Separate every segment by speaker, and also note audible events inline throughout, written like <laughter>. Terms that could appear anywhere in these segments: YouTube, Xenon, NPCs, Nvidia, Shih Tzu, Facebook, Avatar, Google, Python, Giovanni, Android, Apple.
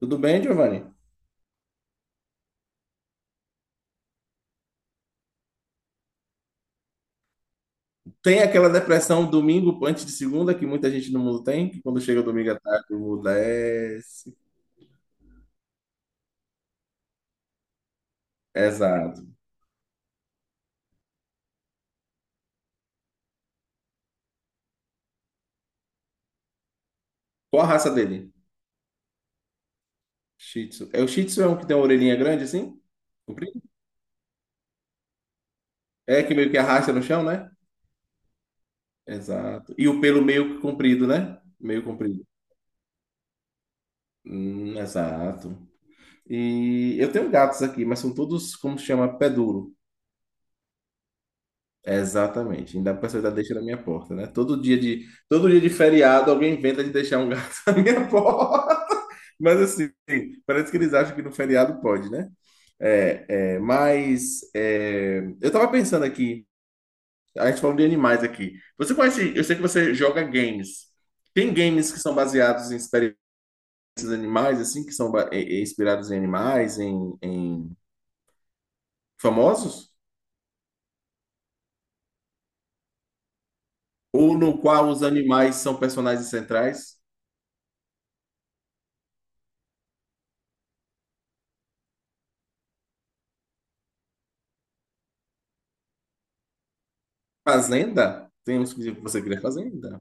Speaker 1: Tudo bem, Giovanni? Tem aquela depressão domingo antes de segunda que muita gente no mundo tem, que quando chega o domingo à tarde, o mundo desce. Exato. Qual a raça dele? Shih Tzu. É o Shih Tzu é um que tem uma orelhinha grande assim? Comprido? É que meio que arrasta no chão, né? Exato. E o pelo meio que comprido, né? Meio comprido. Exato. E eu tenho gatos aqui, mas são todos como se chama pé duro. Exatamente. Ainda a pessoa ainda deixa na minha porta, né? Todo dia de feriado, alguém inventa de deixar um gato <laughs> na minha porta. Mas assim, parece que eles acham que no feriado pode, né? É, é, mas é, eu tava pensando aqui, a gente falou de animais aqui. Você conhece, eu sei que você joga games. Tem games que são baseados em experiências animais, assim, que são inspirados em animais, em, em famosos? Ou no qual os animais são personagens centrais? Fazenda? Tem uns que você cria fazenda.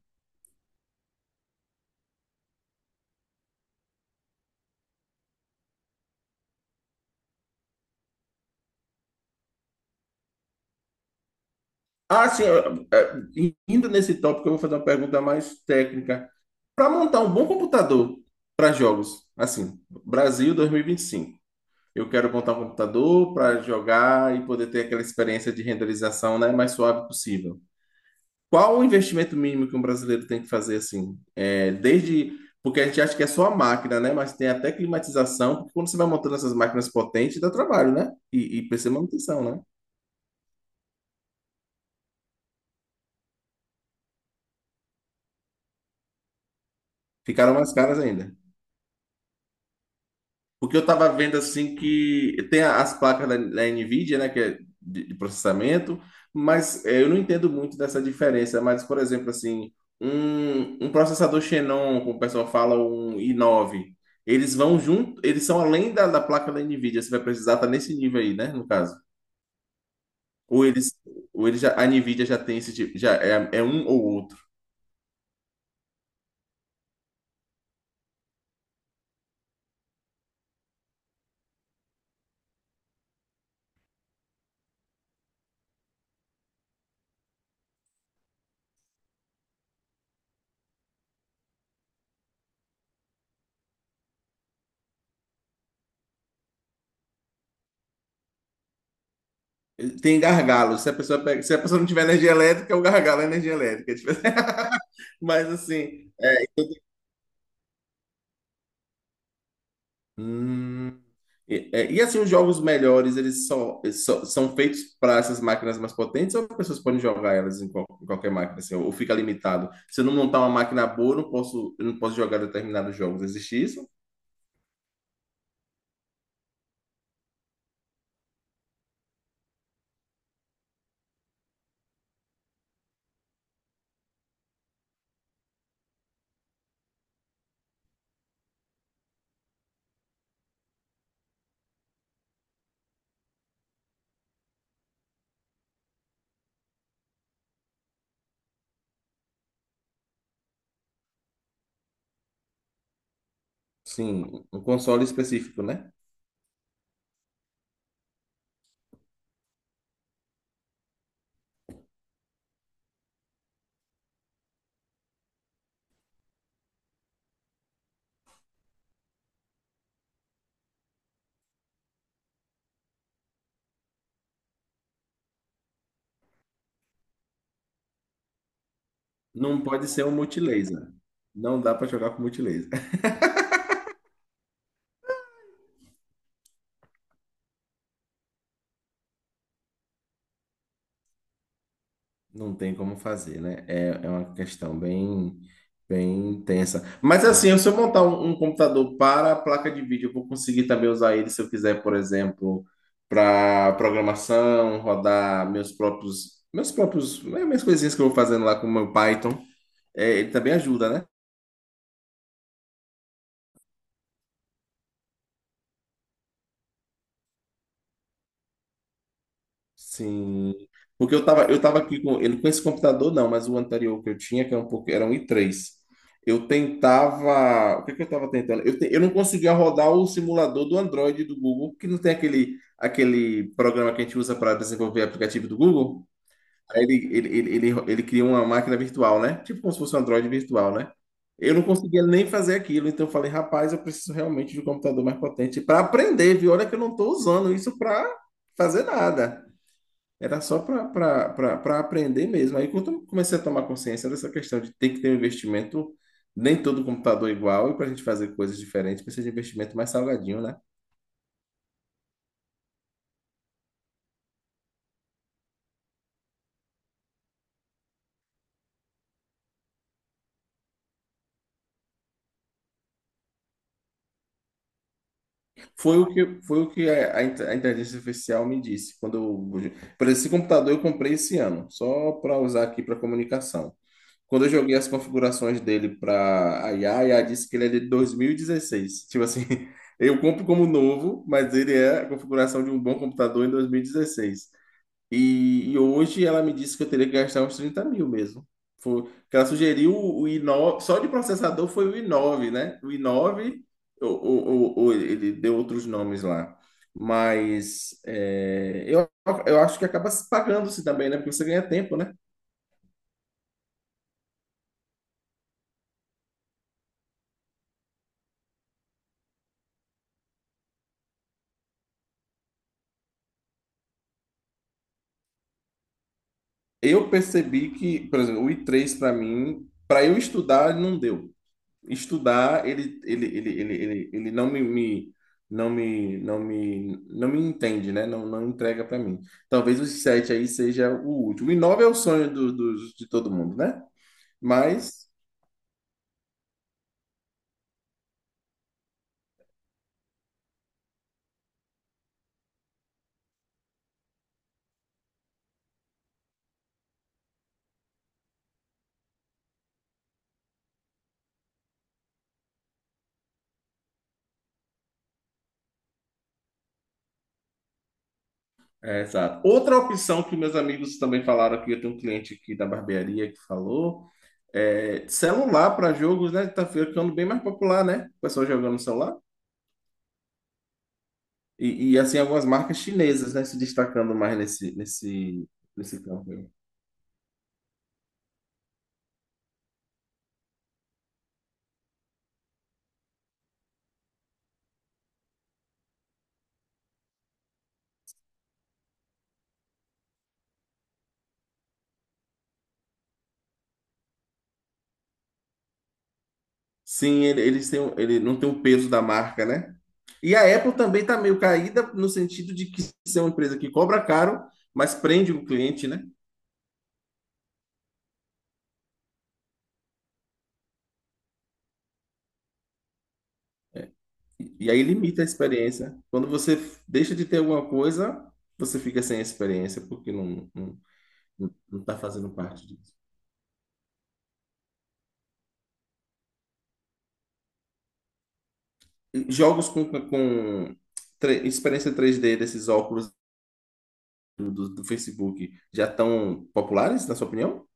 Speaker 1: Ah, sim, indo nesse tópico, eu vou fazer uma pergunta mais técnica. Para montar um bom computador para jogos, assim, Brasil 2025. Eu quero montar um computador para jogar e poder ter aquela experiência de renderização, né, mais suave possível. Qual o investimento mínimo que um brasileiro tem que fazer assim? É, desde porque a gente acha que é só a máquina, né? Mas tem até climatização, porque quando você vai montando essas máquinas potentes, dá trabalho, né? E precisa de manutenção, né? Ficaram mais caras ainda. Porque eu tava vendo assim que tem a- as placas da Nvidia, né, que é de processamento, mas eu não entendo muito dessa diferença. Mas, por exemplo, assim, um processador Xenon, como o pessoal fala, um i9, eles vão junto, eles são além da placa da Nvidia, você vai precisar tá nesse nível aí, né, no caso. Ou eles, ou eles já, a Nvidia já tem esse tipo, já é, é um ou outro. Tem gargalo, se a pessoa pega- se a pessoa não tiver energia elétrica, é o gargalo é energia elétrica. <laughs> Mas assim. hum, e, e, assim, os jogos melhores, eles só- são feitos para essas máquinas mais potentes ou as pessoas podem jogar elas em, qual- em qualquer máquina, assim, ou fica limitado? Se eu não montar uma máquina boa, eu não posso jogar determinados jogos. Existe isso? Sim, um console específico, né? Não pode ser um multilaser. Não dá para jogar com multilaser. <laughs> Não tem como fazer, né? É, é uma questão bem, bem tensa. Mas assim, se eu montar um computador para a placa de vídeo, eu vou conseguir também usar ele se eu quiser, por exemplo, para programação, rodar meus próprios, né, minhas coisinhas que eu vou fazendo lá com o meu Python. É, ele também ajuda, né? Sim. Eu tava aqui com ele com esse computador, não, mas o anterior que eu tinha, que era um pouco, era um i3. Eu tentava. O que é que eu tava tentando? Eu não conseguia rodar o simulador do Android do Google, que não tem aquele programa que a gente usa para desenvolver aplicativo do Google. Aí ele cria uma máquina virtual, né? Tipo como se fosse um Android virtual, né? Eu não conseguia nem fazer aquilo, então eu falei, rapaz, eu preciso realmente de um computador mais potente para aprender, viu? Olha que eu não estou usando isso para fazer nada. Era só para aprender mesmo. Aí quando eu comecei a tomar consciência dessa questão de ter que ter um investimento, nem todo computador é igual, e para a gente fazer coisas diferentes, precisa de investimento mais salgadinho, né? Foi o que a a inteligência artificial me disse. Quando eu, por exemplo, esse computador eu comprei esse ano, só para usar aqui para comunicação. Quando eu joguei as configurações dele para a IA, a IA disse que ele é de 2016. Tipo assim, <laughs> eu compro como novo, mas ele é a configuração de um bom computador em 2016. E hoje ela me disse que eu teria que gastar uns 30.000 mesmo. Foi, que ela sugeriu o i9, só de processador foi o i9, né? O i9, ou, ou, ou ele deu outros nomes lá. Mas é, eu acho que acaba se pagando-se também, né? Porque você ganha tempo, né? Eu percebi que, por exemplo, o i3 para mim, para eu estudar, não deu. Estudar, ele não não não não me entende, né? Não, não entrega para mim. Talvez os sete aí seja o último. E nove é o sonho de todo mundo, né? Mas, é, exato. Outra opção que meus amigos também falaram aqui, eu tenho um cliente aqui da barbearia que falou, é celular para jogos, né? Tá ficando bem mais popular, né? O pessoal jogando no celular. E assim, algumas marcas chinesas, né? Se destacando mais nesse campo. Sim, eles têm, um- ele não tem o peso da marca, né? E a Apple também está meio caída no sentido de que ser uma empresa que cobra caro, mas prende o cliente, né? E aí limita a experiência. Quando você f- deixa de ter alguma coisa, você fica sem a experiência, porque não está fazendo parte disso. E jogos com tre- experiência 3D desses óculos do do Facebook já estão populares, na sua opinião?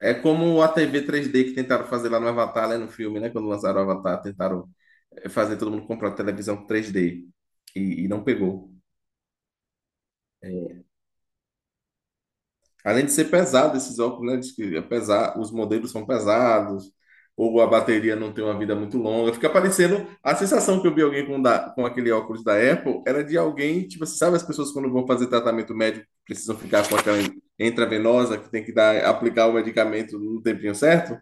Speaker 1: É como a TV 3D que tentaram fazer lá no Avatar, né, no filme, né? Quando lançaram o Avatar, tentaram fazer todo mundo comprar televisão 3D e não pegou. Além de ser pesado esses óculos, né? Diz que é pesar, os modelos são pesados, ou a bateria não tem uma vida muito longa. Fica parecendo. A sensação que eu vi alguém com, da, com aquele óculos da Apple era de alguém, tipo, você sabe as pessoas quando vão fazer tratamento médico precisam ficar com aquela intravenosa que tem que dar, aplicar o medicamento no tempinho certo?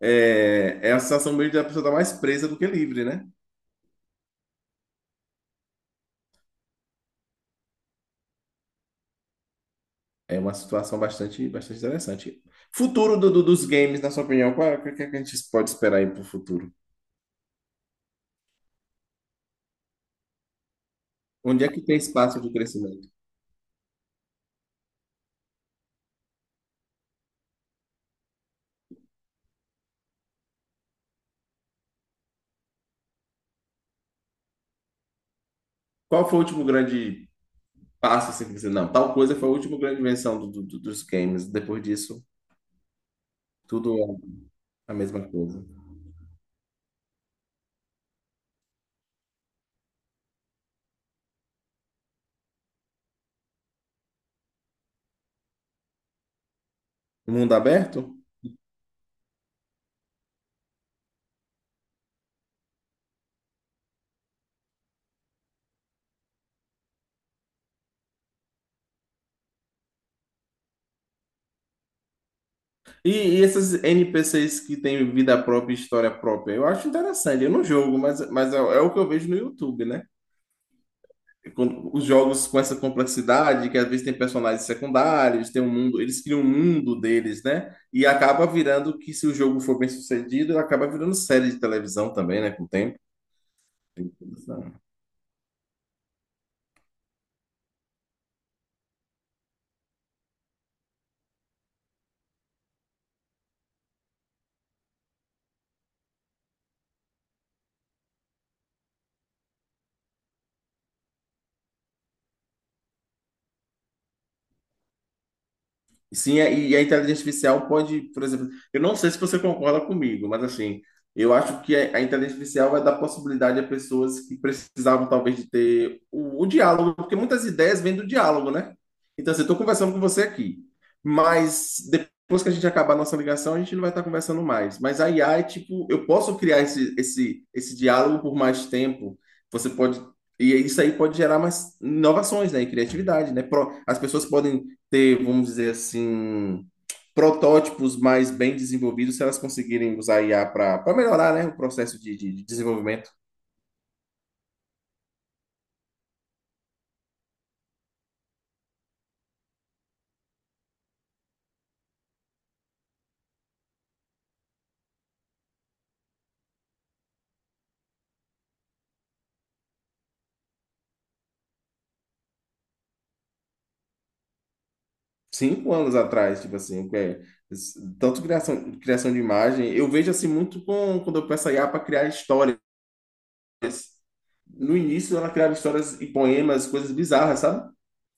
Speaker 1: É, é a sensação meio de a pessoa estar mais presa do que livre, né? É uma situação bastante, bastante interessante. Futuro dos games, na sua opinião, qual é- o que, que a gente pode esperar aí para o futuro? Onde é que tem espaço de crescimento? Qual foi o último grande passo assim, que você, não, tal coisa foi a última grande invenção dos games. Depois disso, tudo é a mesma coisa. Mundo aberto? E, e esses NPCs que têm vida própria e história própria? Eu acho interessante. Eu não jogo, mas é, é o que eu vejo no YouTube, né? Com- os jogos com essa complexidade, que às vezes tem personagens secundários, tem um mundo, eles criam um mundo deles, né? E acaba virando que se o jogo for bem sucedido, acaba virando série de televisão também, né? Com o tempo. Sim, e a inteligência artificial pode, por exemplo, eu não sei se você concorda comigo, mas assim, eu acho que a inteligência artificial vai dar possibilidade a pessoas que precisavam talvez de ter o diálogo, porque muitas ideias vêm do diálogo, né? Então, assim, eu estou conversando com você aqui, mas depois que a gente acabar a nossa ligação, a gente não vai estar conversando mais. Mas a IA é tipo, eu posso criar esse diálogo por mais tempo, você pode. E isso aí pode gerar mais inovações, né, e criatividade, né? Pro- as pessoas podem ter, vamos dizer assim, protótipos mais bem desenvolvidos se elas conseguirem usar IA para melhorar, né, o processo de, de desenvolvimento. 5 anos atrás, tipo assim, que é, tanto criação, criação de imagem, eu vejo assim muito com, quando eu peço a IA para criar histórias. No início ela criava histórias e poemas, coisas bizarras, sabe?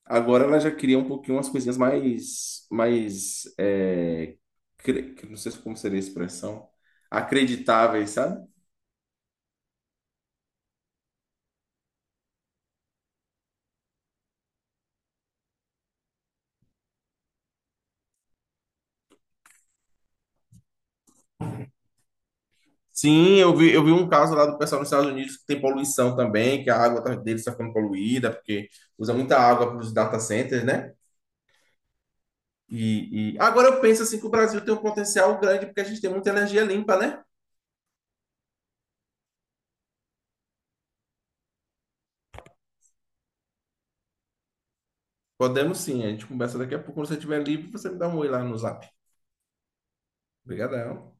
Speaker 1: Agora ela já cria um pouquinho umas coisinhas mais, mais, é, cre- não sei como seria a expressão, acreditáveis, sabe? Sim, eu vi um caso lá do pessoal nos Estados Unidos que tem poluição também, que a água tá- deles está ficando poluída, porque usa muita água para os data centers, né? E- agora eu penso assim que o Brasil tem um potencial grande porque a gente tem muita energia limpa, né? Podemos sim, a gente conversa daqui a pouco. Quando você estiver livre, você me dá um oi lá no Zap. Obrigadão.